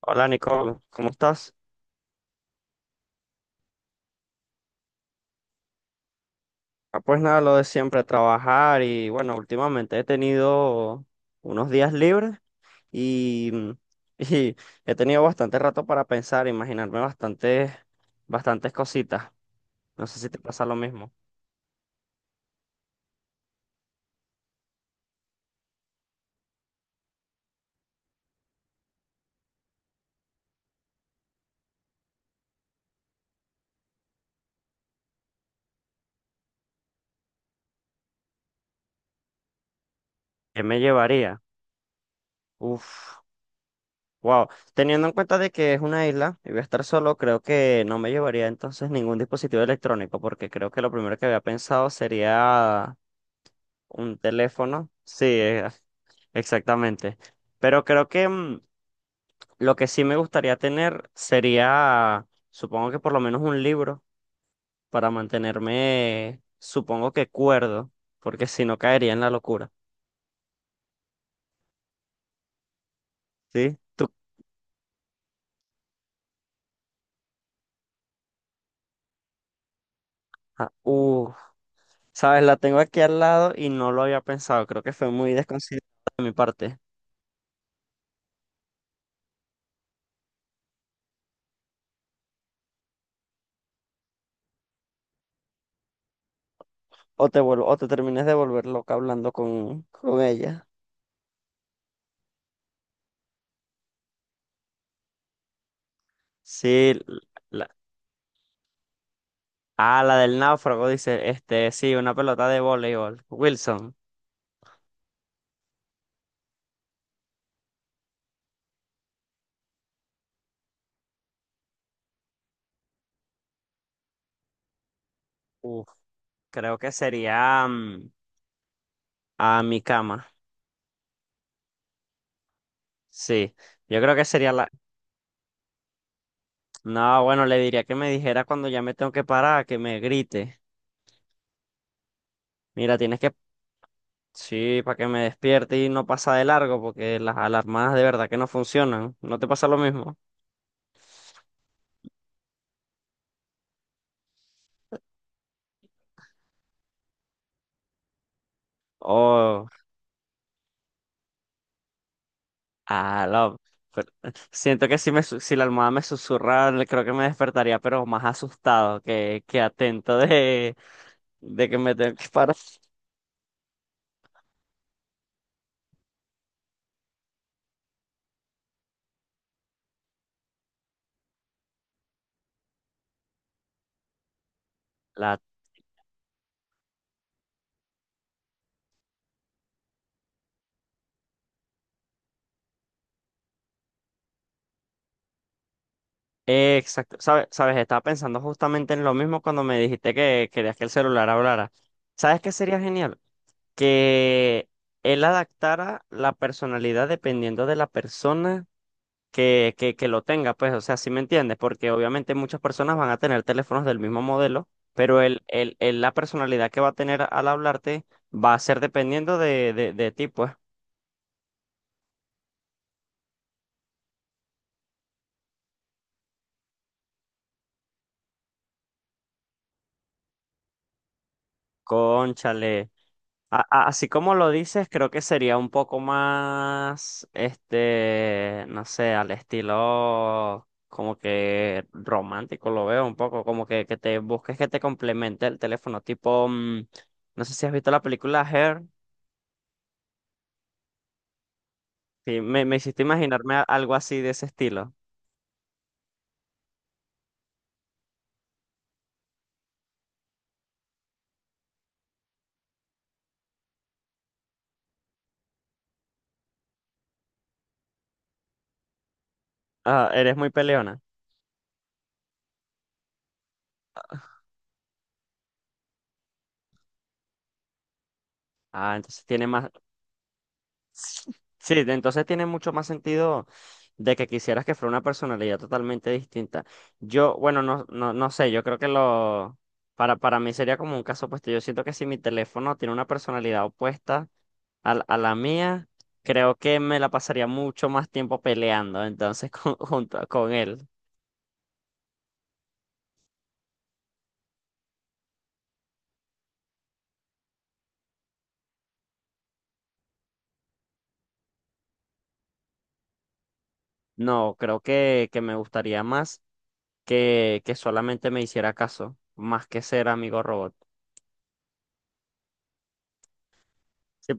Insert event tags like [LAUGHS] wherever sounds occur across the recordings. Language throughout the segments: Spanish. Hola Nicole, ¿cómo estás? Ah, pues nada, lo de siempre, trabajar y bueno, últimamente he tenido unos días libres y, [LAUGHS] y he tenido bastante rato para pensar, imaginarme bastantes cositas. No sé si te pasa lo mismo. ¿Qué me llevaría? Uf, wow. Teniendo en cuenta de que es una isla y voy a estar solo, creo que no me llevaría entonces ningún dispositivo electrónico porque creo que lo primero que había pensado sería un teléfono. Sí, exactamente. Pero creo que lo que sí me gustaría tener sería, supongo que por lo menos un libro para mantenerme, supongo que cuerdo, porque si no caería en la locura. ¿Sí? Tú, ah, sabes, la tengo aquí al lado y no lo había pensado. Creo que fue muy desconsiderado de mi parte. O te vuelvo, o te termines de volver loca hablando con ella. Sí, la, la del náufrago dice, sí, una pelota de voleibol. Wilson. Creo que sería a mi cama. Sí, yo creo que sería la. No, bueno, le diría que me dijera cuando ya me tengo que parar, que me grite. Mira, tienes que. Sí, para que me despierte y no pasa de largo, porque las alarmas de verdad que no funcionan. ¿No te pasa lo mismo? Oh, ah, no, siento que si la almohada me susurra, creo que me despertaría, pero más asustado que atento de que me tengo que parar. La Exacto, sabes, estaba pensando justamente en lo mismo cuando me dijiste que querías que el celular hablara. ¿Sabes qué sería genial? Que él adaptara la personalidad dependiendo de la persona que lo tenga, pues, o sea, ¿si me entiendes? Porque obviamente muchas personas van a tener teléfonos del mismo modelo, pero la personalidad que va a tener al hablarte va a ser dependiendo de ti, pues. Cónchale. Así como lo dices, creo que sería un poco más, este, no sé, al estilo como que romántico, lo veo un poco, como que te busques que te complemente el teléfono, tipo, no sé si has visto la película Hair. Sí, me hiciste imaginarme algo así de ese estilo. Ah, eres muy peleona. Ah, entonces tiene más. Sí, entonces tiene mucho más sentido de que quisieras que fuera una personalidad totalmente distinta. Yo, bueno, no, no, no sé, yo creo que lo, para mí sería como un caso opuesto. Yo siento que si mi teléfono tiene una personalidad opuesta a la mía, creo que me la pasaría mucho más tiempo peleando entonces con, [LAUGHS] junto con él. No, creo que me gustaría más que solamente me hiciera caso, más que ser amigo robot. Sí,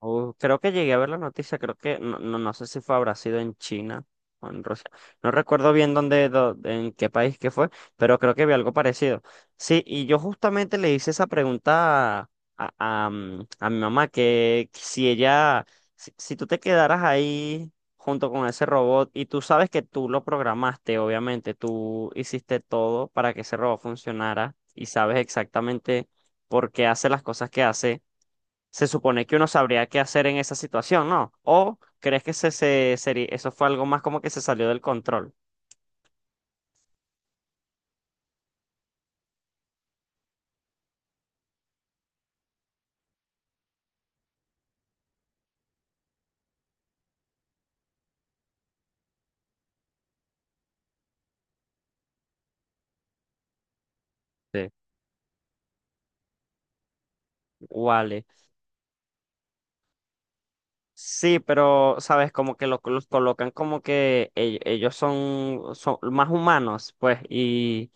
Creo que llegué a ver la noticia, creo que no, no, no sé si fue habrá sido en China o en Rusia. No recuerdo bien en qué país que fue, pero creo que vi algo parecido. Sí, y yo justamente le hice esa pregunta a mi mamá, que si ella, si, si tú te quedaras ahí junto con ese robot y tú sabes que tú lo programaste, obviamente, tú hiciste todo para que ese robot funcionara y sabes exactamente por qué hace las cosas que hace, se supone que uno sabría qué hacer en esa situación, ¿no? ¿O crees que eso fue algo más como que se salió del control? Sí. Vale. Sí, pero, ¿sabes? Como que los colocan como que ellos son más humanos, pues, y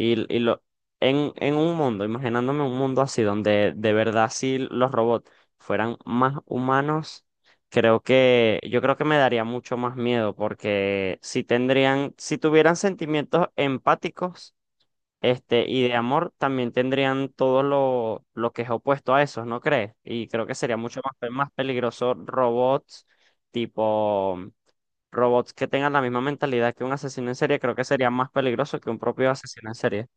Y, y lo, en un mundo, imaginándome un mundo así, donde de verdad si los robots fueran más humanos, creo que, yo creo que me daría mucho más miedo, porque si tuvieran sentimientos empáticos, este, y de amor, también tendrían todo lo que es opuesto a eso, ¿no crees? Y creo que sería mucho más peligroso robots tipo robots que tengan la misma mentalidad que un asesino en serie, creo que sería más peligroso que un propio asesino en serie.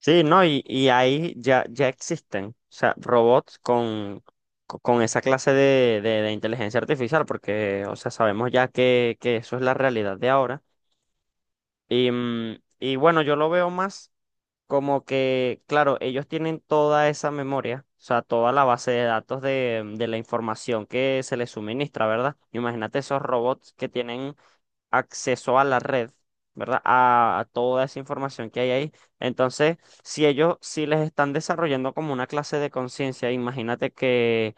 Sí, no, y ahí ya, ya existen, o sea, robots con esa clase de inteligencia artificial, porque, o sea, sabemos ya que eso es la realidad de ahora. Y bueno, yo lo veo más como que, claro, ellos tienen toda esa memoria, o sea, toda la base de datos de la información que se les suministra, ¿verdad? Imagínate esos robots que tienen acceso a la red, ¿verdad? A toda esa información que hay ahí. Entonces, si ellos sí les están desarrollando como una clase de conciencia, imagínate que,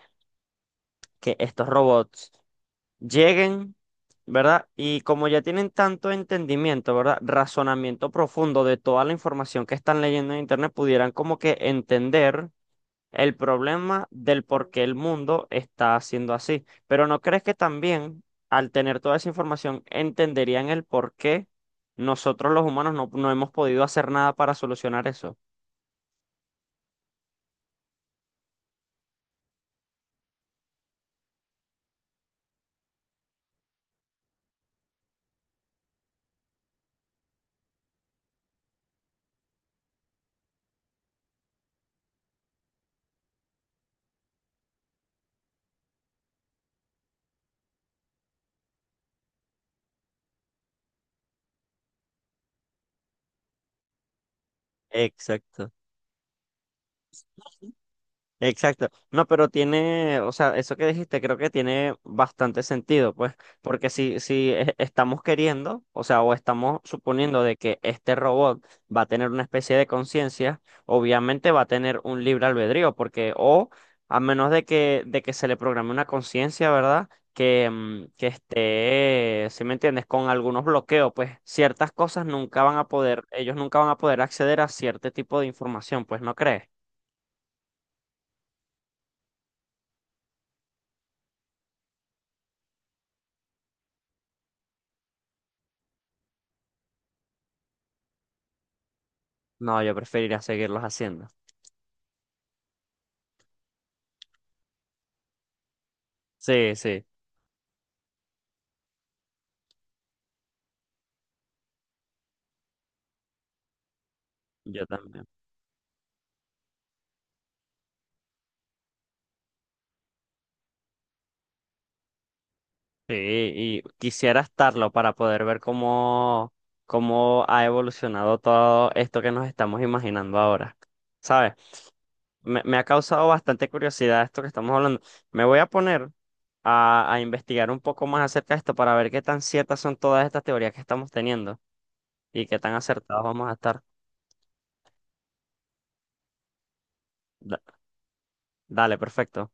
que estos robots lleguen, ¿verdad? Y como ya tienen tanto entendimiento, ¿verdad? Razonamiento profundo de toda la información que están leyendo en Internet, pudieran como que entender el problema del por qué el mundo está haciendo así. Pero ¿no crees que también al tener toda esa información entenderían el por qué nosotros los humanos no hemos podido hacer nada para solucionar eso? Exacto. Exacto. No, pero tiene, o sea, eso que dijiste creo que tiene bastante sentido, pues, porque si estamos queriendo, o sea, o estamos suponiendo de que este robot va a tener una especie de conciencia, obviamente va a tener un libre albedrío, porque, o a menos de que se le programe una conciencia, ¿verdad? Que esté, si me entiendes, con algunos bloqueos, pues ciertas cosas nunca van a poder, ellos nunca van a poder acceder a cierto tipo de información, pues, ¿no crees? No, yo preferiría seguirlos haciendo. Sí, sí, yo también. Sí, y quisiera estarlo para poder ver cómo ha evolucionado todo esto que nos estamos imaginando ahora. ¿Sabes? Me ha causado bastante curiosidad esto que estamos hablando. Me voy a poner a investigar un poco más acerca de esto para ver qué tan ciertas son todas estas teorías que estamos teniendo y qué tan acertados vamos a estar. Da- dale, perfecto.